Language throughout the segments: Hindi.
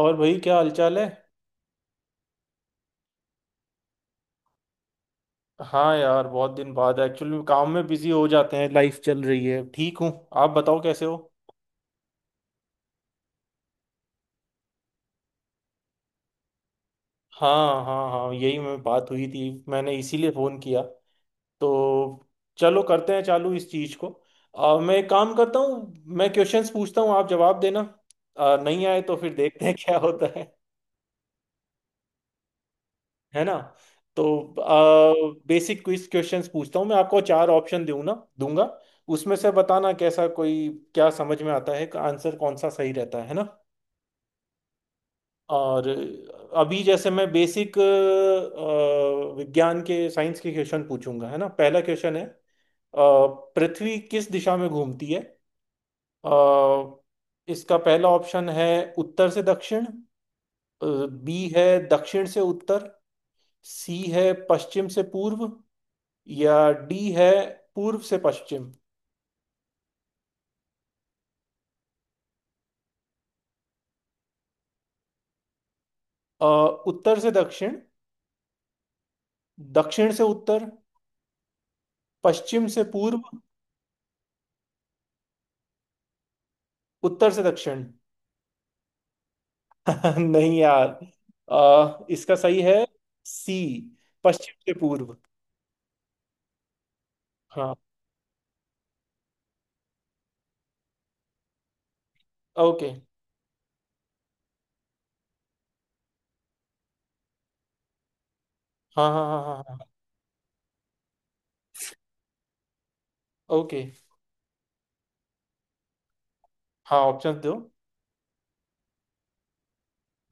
और भाई क्या हालचाल है। हाँ यार बहुत दिन बाद एक्चुअली काम में बिजी हो जाते हैं। लाइफ चल रही है, ठीक हूँ। आप बताओ कैसे हो। हाँ हाँ हाँ, यही मैं बात हुई थी, मैंने इसीलिए फोन किया तो चलो करते हैं, चालू इस चीज को। मैं एक काम करता हूँ, मैं क्वेश्चंस पूछता हूँ, आप जवाब देना। नहीं आए तो फिर देखते हैं क्या होता है। है ना, तो बेसिक क्विज क्वेश्चंस पूछता हूँ मैं, आपको चार ऑप्शन दूँ ना, दूंगा। उसमें से बताना कैसा कोई, क्या समझ में आता है, आंसर कौन सा सही रहता है ना। और अभी जैसे मैं बेसिक विज्ञान के, साइंस के क्वेश्चन पूछूंगा, है ना। पहला क्वेश्चन है पृथ्वी किस दिशा में घूमती है। अ, इसका पहला ऑप्शन है उत्तर से दक्षिण, बी है दक्षिण से उत्तर, सी है पश्चिम से पूर्व, या डी है पूर्व से पश्चिम। अ, उत्तर से दक्षिण, दक्षिण से उत्तर, पश्चिम से पूर्व, उत्तर से दक्षिण। नहीं यार, इसका सही है सी, पश्चिम से पूर्व। हाँ। ओके। हाँ हाँ हाँ हाँ हाँ हाँ। ओके। हाँ, ऑप्शन दो।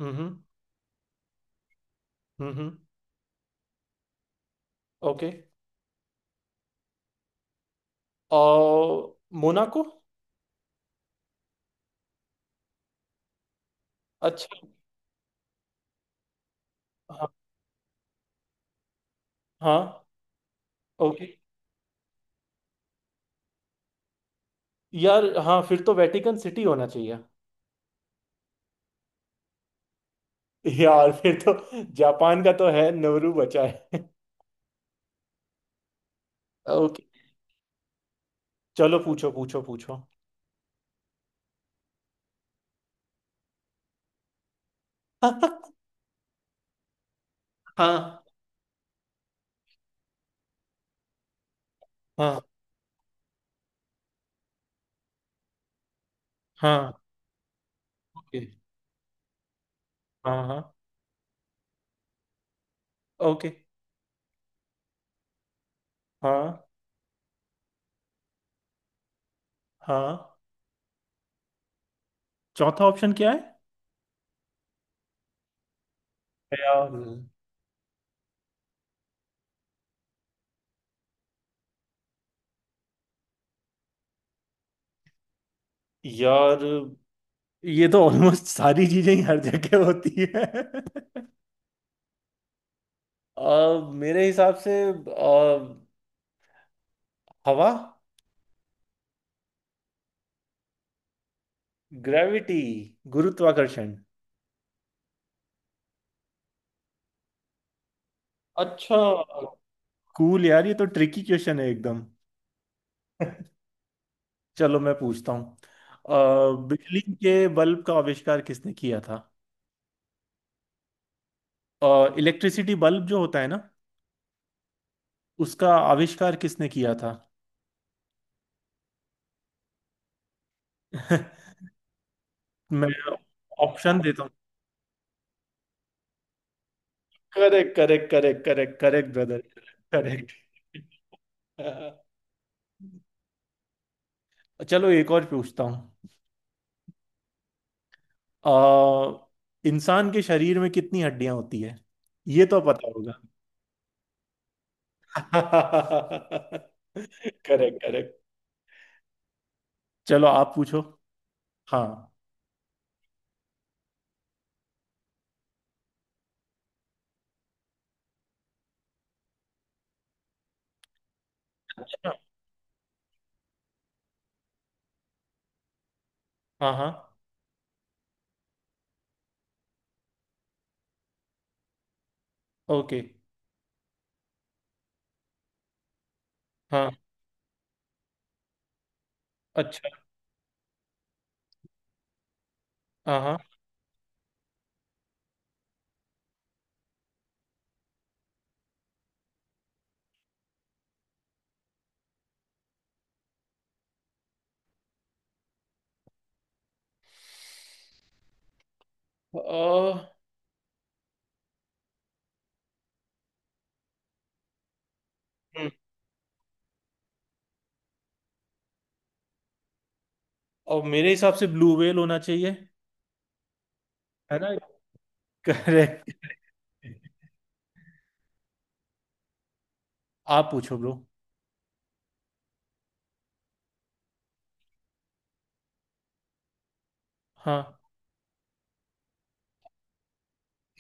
हम्म हम्म हम्म हम्म, ओके। और मोनाको। अच्छा। हाँ हाँ। ओके। यार हाँ, फिर तो वेटिकन सिटी होना चाहिए। यार फिर तो जापान का तो है, नवरू बचा है। ओके, चलो पूछो पूछो पूछो। हाँ हाँ हाँ। ओके। हाँ हाँ। ओके। हाँ हाँ, चौथा ऑप्शन क्या है। यार, यार ये तो ऑलमोस्ट सारी चीजें ही हर जगह होती है। मेरे हिसाब से हवा। ग्रेविटी, गुरुत्वाकर्षण। अच्छा। कूल यार, ये तो ट्रिकी क्वेश्चन है एकदम। चलो मैं पूछता हूँ। अ, बिजली के बल्ब का आविष्कार किसने किया था। इलेक्ट्रिसिटी बल्ब जो होता है ना, उसका आविष्कार किसने किया था। मैं ऑप्शन देता हूँ। Correct correct correct correct correct brother, correct. चलो एक और पूछता हूँ। अ, इंसान के शरीर में कितनी हड्डियां होती है, ये तो पता होगा। Correct correct. चलो आप पूछो। हाँ हाँ हाँ। ओके। हाँ। अच्छा। हाँ हाँ। अ, हम्म, और मेरे हिसाब से ब्लू व्हेल होना चाहिए, है ना। करेक्ट। आप पूछो ब्रो। हाँ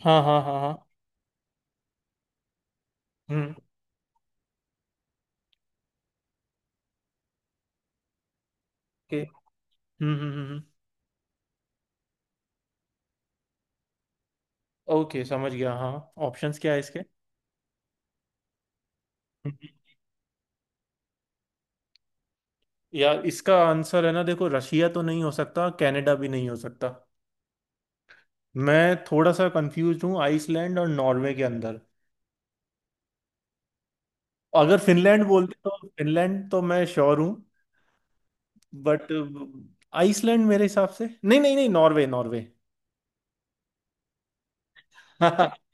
हाँ हाँ हाँ हाँ। हम्म। ओके। हम्म हम्म हम्म हम्म। ओके, समझ गया हाँ। ऑप्शंस क्या है इसके। हम्म। यार, इसका आंसर है ना, देखो रशिया तो नहीं हो सकता, कनाडा भी नहीं हो सकता। मैं थोड़ा सा कंफ्यूज हूँ आइसलैंड और नॉर्वे के अंदर। अगर फिनलैंड बोलते तो फिनलैंड तो मैं श्योर हूँ, बट आइसलैंड मेरे हिसाब से नहीं नहीं नहीं, नॉर्वे, नॉर्वे।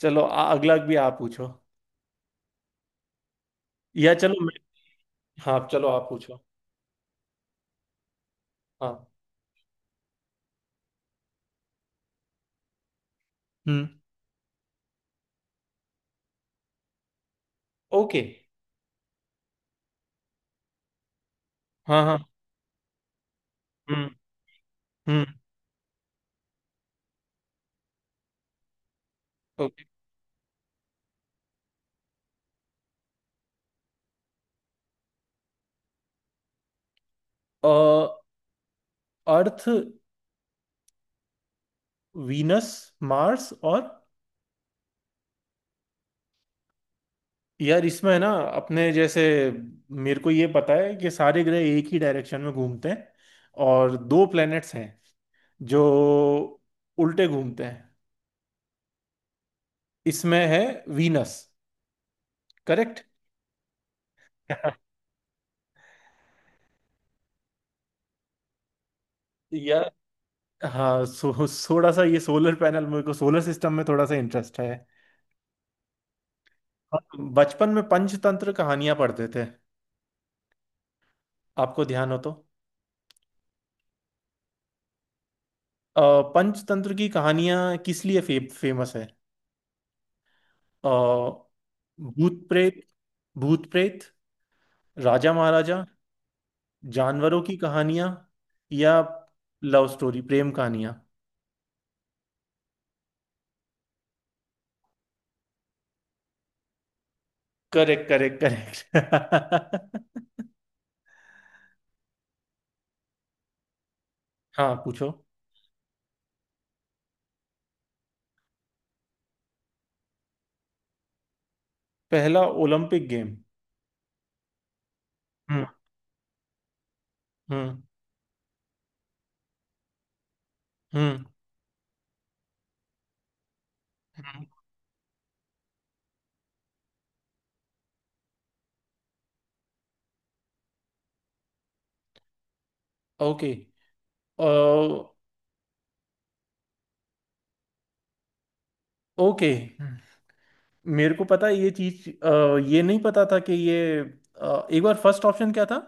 चलो अगला भी आप पूछो, या चलो मैं। हाँ चलो आप पूछो। हाँ। हम्म। ओके। हाँ हाँ। हम्म हम्म। ओके। अ, अर्थ, वीनस, मार्स और, यार इसमें है ना अपने जैसे, मेरे को ये पता है कि सारे ग्रह एक ही डायरेक्शन में घूमते हैं और दो प्लैनेट्स हैं जो उल्टे घूमते हैं। इसमें है वीनस, करेक्ट। यार हाँ, थोड़ा सा ये सोलर पैनल, मेरे को सोलर सिस्टम में थोड़ा सा इंटरेस्ट है। हम बचपन में पंचतंत्र कहानियां पढ़ते थे, आपको ध्यान हो तो। अ, पंचतंत्र की कहानियां किस लिए फेमस है। अ, भूत प्रेत, भूत प्रेत, राजा महाराजा, जानवरों की कहानियां, या लव स्टोरी प्रेम कहानियां। Correct correct correct. हाँ पूछो। पहला ओलंपिक गेम। हम्म हम्म हम्म। ओके, ओके, मेरे को पता है ये चीज। ये नहीं पता था कि ये एक बार फर्स्ट ऑप्शन क्या था।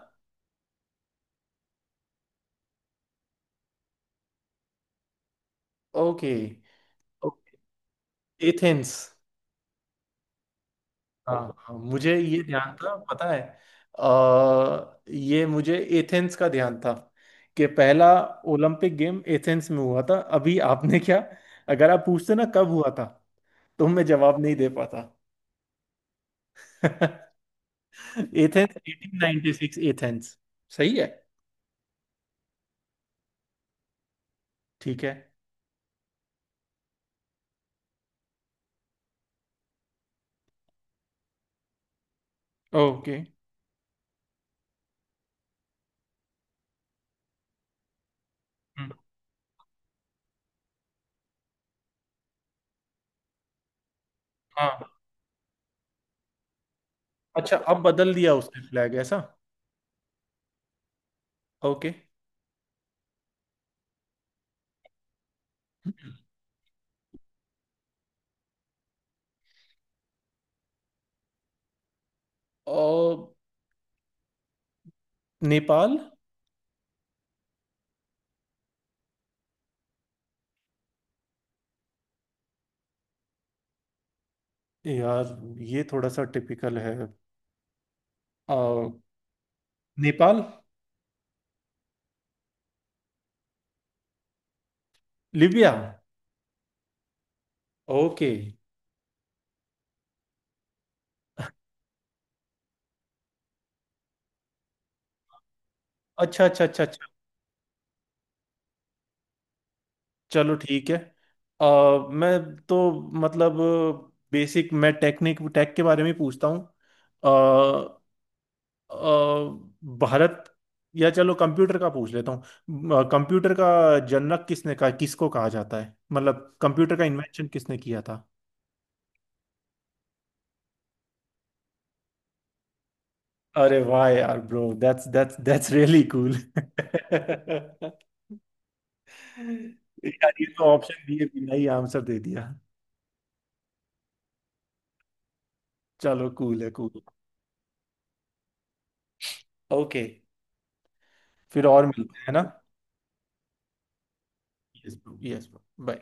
ओके। Okay, Athens. हाँ हाँ, मुझे ये ध्यान था, पता है। ये मुझे एथेंस का ध्यान था कि पहला ओलंपिक गेम एथेंस में हुआ था। अभी आपने क्या, अगर आप पूछते ना कब हुआ था तो मैं जवाब नहीं दे पाता। एथेंस 1896 एथेंस, सही है। ठीक है। ओके। हम्म, हाँ। अच्छा, अब बदल दिया उसने फ्लैग ऐसा। ओके। और नेपाल। यार ये थोड़ा सा टिपिकल है। आ, नेपाल। लिबिया। ओके। अच्छा अच्छा अच्छा अच्छा। चलो ठीक है। आ, मैं तो, मतलब बेसिक मैं टेक्निक टेक के बारे में पूछता हूँ। आ, आ, भारत, या चलो कंप्यूटर का पूछ लेता हूँ। कंप्यूटर का जनक किसने कहा, किसको कहा जाता है, मतलब कंप्यूटर का इन्वेंशन किसने किया था? अरे वाह यार bro, that's that's that's really cool. यार, ये तो ऑप्शन दिए बिना ही आंसर दे दिया। चलो कूल है, कूल। ओके, फिर और मिलते हैं ना। Yes bro yes bro, bye.